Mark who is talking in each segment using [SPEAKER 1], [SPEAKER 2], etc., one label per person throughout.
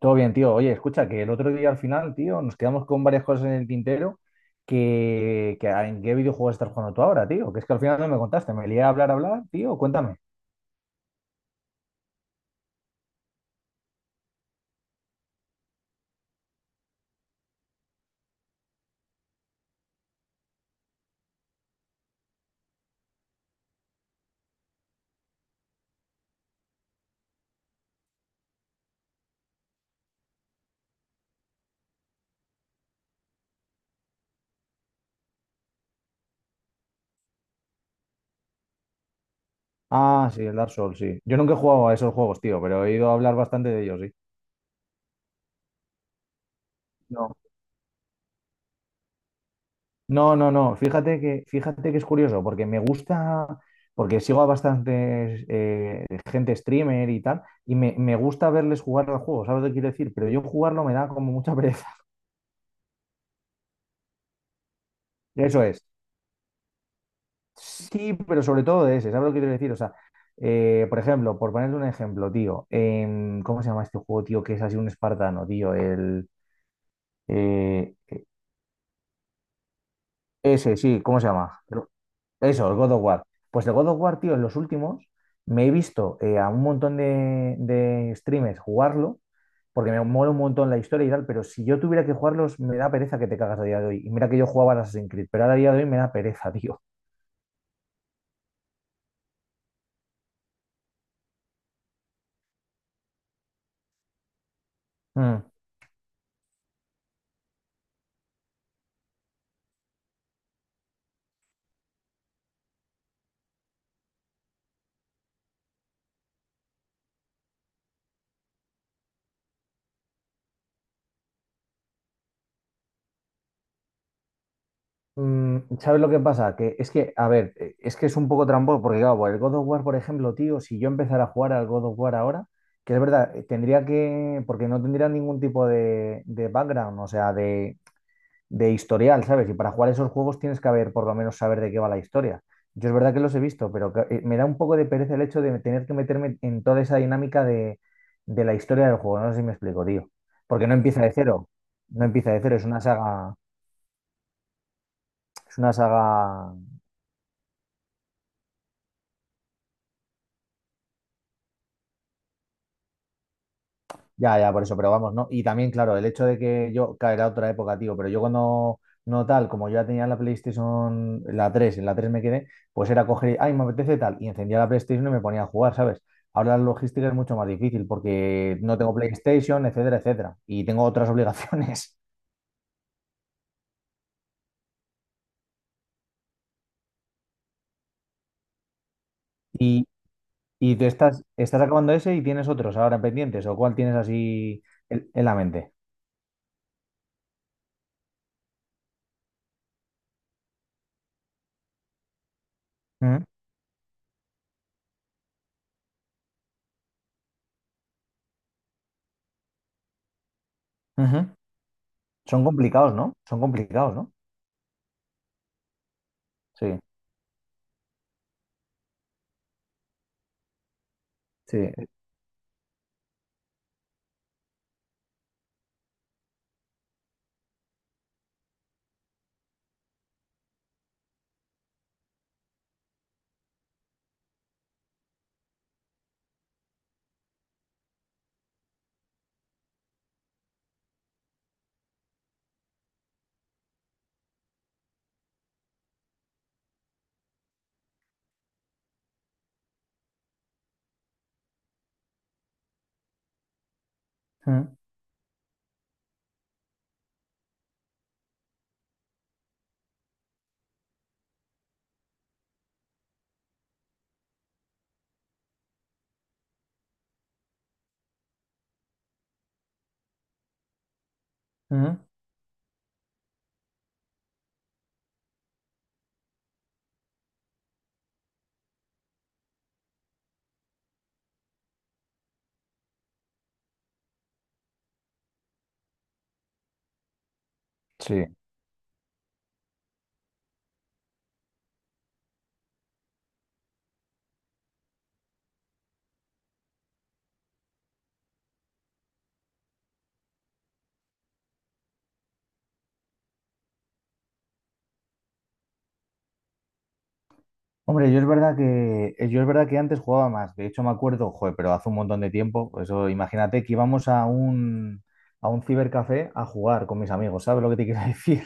[SPEAKER 1] Todo bien, tío. Oye, escucha, que el otro día al final, tío, nos quedamos con varias cosas en el tintero que ¿en qué videojuego estás jugando tú ahora, tío? Que es que al final no me contaste, me lié a hablar, tío, cuéntame. Ah, sí, el Dark Souls, sí. Yo nunca he jugado a esos juegos, tío, pero he ido a hablar bastante de ellos, sí. No. No, no, no. Fíjate que es curioso, porque me gusta, porque sigo a bastantes gente streamer y tal, y me gusta verles jugar al juego, ¿sabes lo que quiero decir? Pero yo jugarlo me da como mucha pereza. Eso es. Sí, pero sobre todo de ese, ¿sabes lo que quiero decir? O sea, por ejemplo, por ponerle un ejemplo, tío, ¿cómo se llama este juego, tío, que es así un espartano, tío? Eh, Ese, sí, ¿cómo se llama? Pero... Eso, el God of War. Pues el God of War, tío, en los últimos me he visto a un montón de streamers jugarlo, porque me mola un montón la historia y tal, pero si yo tuviera que jugarlos, me da pereza que te cagas a día de hoy. Y mira que yo jugaba al Assassin's Creed, pero ahora a día de hoy me da pereza, tío. Mm. Mm, ¿sabes lo que pasa? Que es que, a ver, es que es un poco tramposo, porque claro, el God of War, por ejemplo, tío, si yo empezara a jugar al God of War ahora, que es verdad, tendría que, porque no tendría ningún tipo de background, o sea, de historial, ¿sabes? Y para jugar esos juegos tienes que haber, por lo menos, saber de qué va la historia. Yo es verdad que los he visto, pero que... me da un poco de pereza el hecho de tener que meterme en toda esa dinámica de la historia del juego, no sé si me explico, tío. Porque no empieza de cero, no empieza de cero, es una saga, es una saga. Ya, ya, por eso, pero vamos, ¿no? Y también, claro, el hecho de que yo caerá otra época, tío, pero yo cuando no tal, como yo ya tenía la PlayStation, la 3 en la 3 me quedé, pues era coger, y, ay, me apetece tal, y encendía la PlayStation y me ponía a jugar, ¿sabes? Ahora la logística es mucho más difícil porque no tengo PlayStation, etcétera, etcétera, y tengo otras obligaciones. Y, y tú estás, estás acabando ese y tienes otros ahora pendientes, o cuál tienes así en la mente. Ujú, ujú. Son complicados, ¿no? Son complicados, ¿no? Sí, sí. Ujú, ujú. Sí. Hombre, yo es verdad que, yo es verdad que antes jugaba más. De hecho, me acuerdo, joder, pero hace un montón de tiempo. Eso, imagínate que íbamos a a un cibercafé a jugar con mis amigos. ¿Sabes lo que te quiero decir?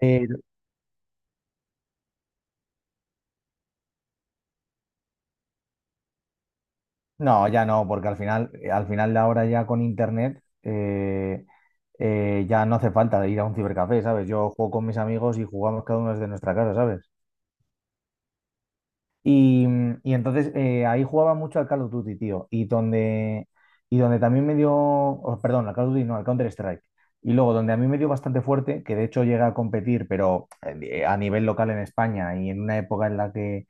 [SPEAKER 1] Eh, no, ya no, porque al final de ahora ya con internet ya no hace falta ir a un cibercafé, ¿sabes? Yo juego con mis amigos y jugamos cada uno desde nuestra casa, ¿sabes? Y, y entonces ahí jugaba mucho al Call of Duty, tío. Y donde también me dio, oh, perdón, al Call of Duty, no, al Counter-Strike. Y luego donde a mí me dio bastante fuerte, que de hecho llega a competir, pero a nivel local en España y en una época en la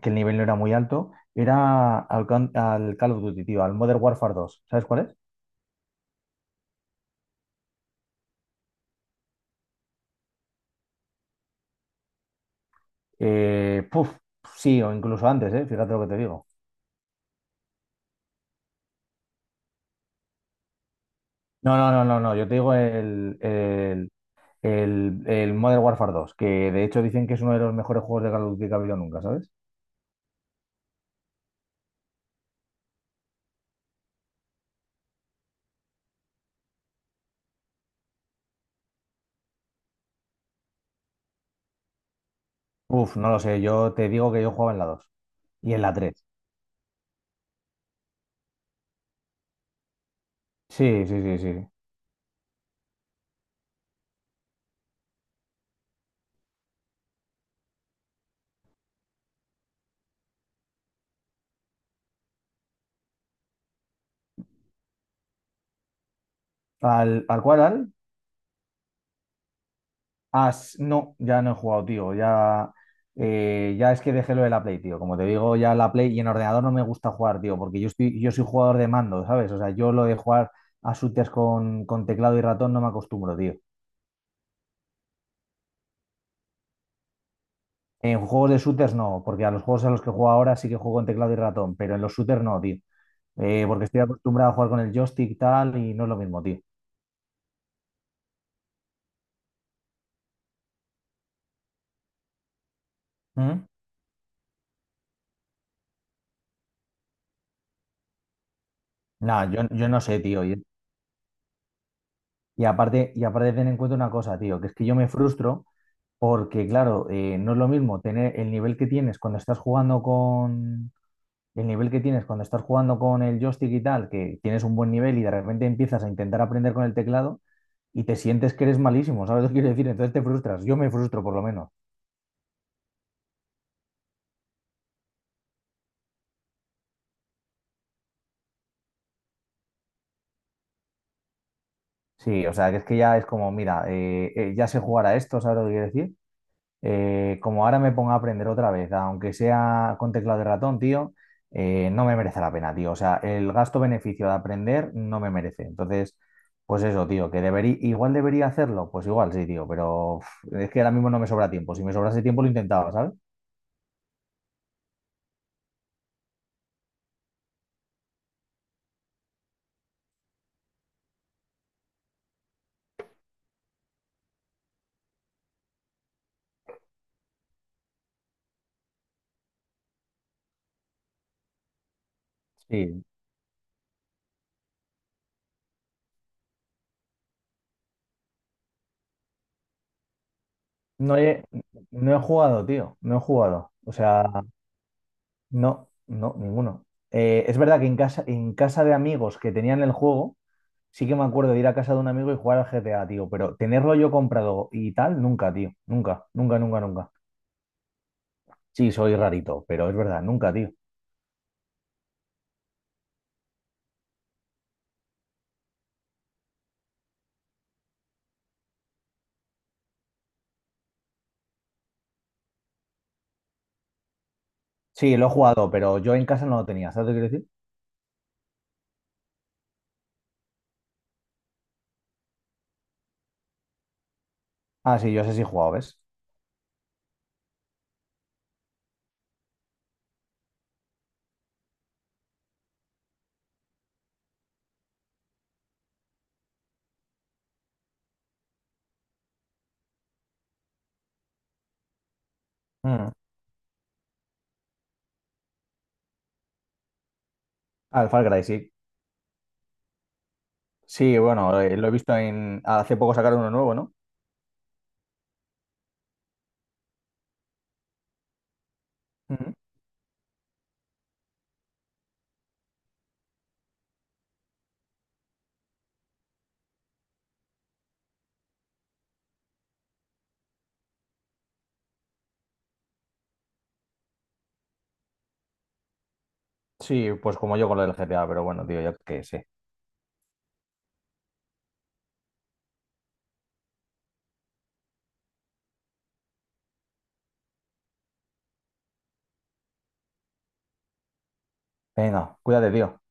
[SPEAKER 1] que el nivel no era muy alto, era al, Coun- al Call of Duty, tío, al Modern Warfare 2. ¿Sabes cuál es? Eh, puf, sí, o incluso antes, fíjate lo que te digo. No, no, no, no, no. Yo te digo el Modern Warfare 2, que de hecho dicen que es uno de los mejores juegos de Call of Duty que ha habido nunca, ¿sabes? Uf, no lo sé, yo te digo que yo jugaba en la 2 y en la tres. Sí, sí, sí, sí. ¿Al, al cual, al? Ah, s- no, ya no he jugado, tío. Ya, ya es que dejé lo de la Play, tío. Como te digo, ya la Play y en ordenador no me gusta jugar, tío, porque yo estoy, yo soy jugador de mando, ¿sabes? O sea, yo lo de jugar a shooters con teclado y ratón no me acostumbro, tío. En juegos de shooters no, porque a los juegos a los que juego ahora sí que juego en teclado y ratón, pero en los shooters no, tío. Porque estoy acostumbrado a jugar con el joystick y tal, y no es lo mismo, tío. ¿Mm? Nada, yo no sé, tío. Y aparte ten en cuenta una cosa, tío, que es que yo me frustro porque, claro, no es lo mismo tener el nivel que tienes cuando estás jugando con el nivel que tienes cuando estás jugando con el joystick y tal, que tienes un buen nivel y de repente empiezas a intentar aprender con el teclado y te sientes que eres malísimo, ¿sabes lo que quiero decir? Entonces te frustras. Yo me frustro por lo menos. Sí, o sea, que es que ya es como, mira, ya sé jugar a esto, ¿sabes lo que quiero decir? Como ahora me ponga a aprender otra vez, aunque sea con teclado de ratón, tío, no me merece la pena, tío. O sea, el gasto-beneficio de aprender no me merece. Entonces, pues eso, tío, que debería, igual debería hacerlo, pues igual sí, tío, pero uf, es que ahora mismo no me sobra tiempo. Si me sobrase tiempo lo intentaba, ¿sabes? Sí. No he, no he jugado, tío, no he jugado. O sea, no, no, ninguno. Es verdad que en casa de amigos que tenían el juego, sí que me acuerdo de ir a casa de un amigo y jugar al GTA, tío, pero tenerlo yo comprado y tal, nunca, tío. Nunca, nunca, nunca, nunca. Sí, soy rarito, pero es verdad, nunca, tío. Sí, lo he jugado, pero yo en casa no lo tenía, ¿sabes lo que quiero decir? Ah, sí, yo sé si he jugado, ¿ves? Mm. Al Far Cry, sí. Sí, bueno, lo he visto en... Hace poco sacaron uno nuevo, ¿no? Ujú. Sí, pues como yo con lo del GTA, pero bueno, tío, ya que sé. Venga, cuídate, tío.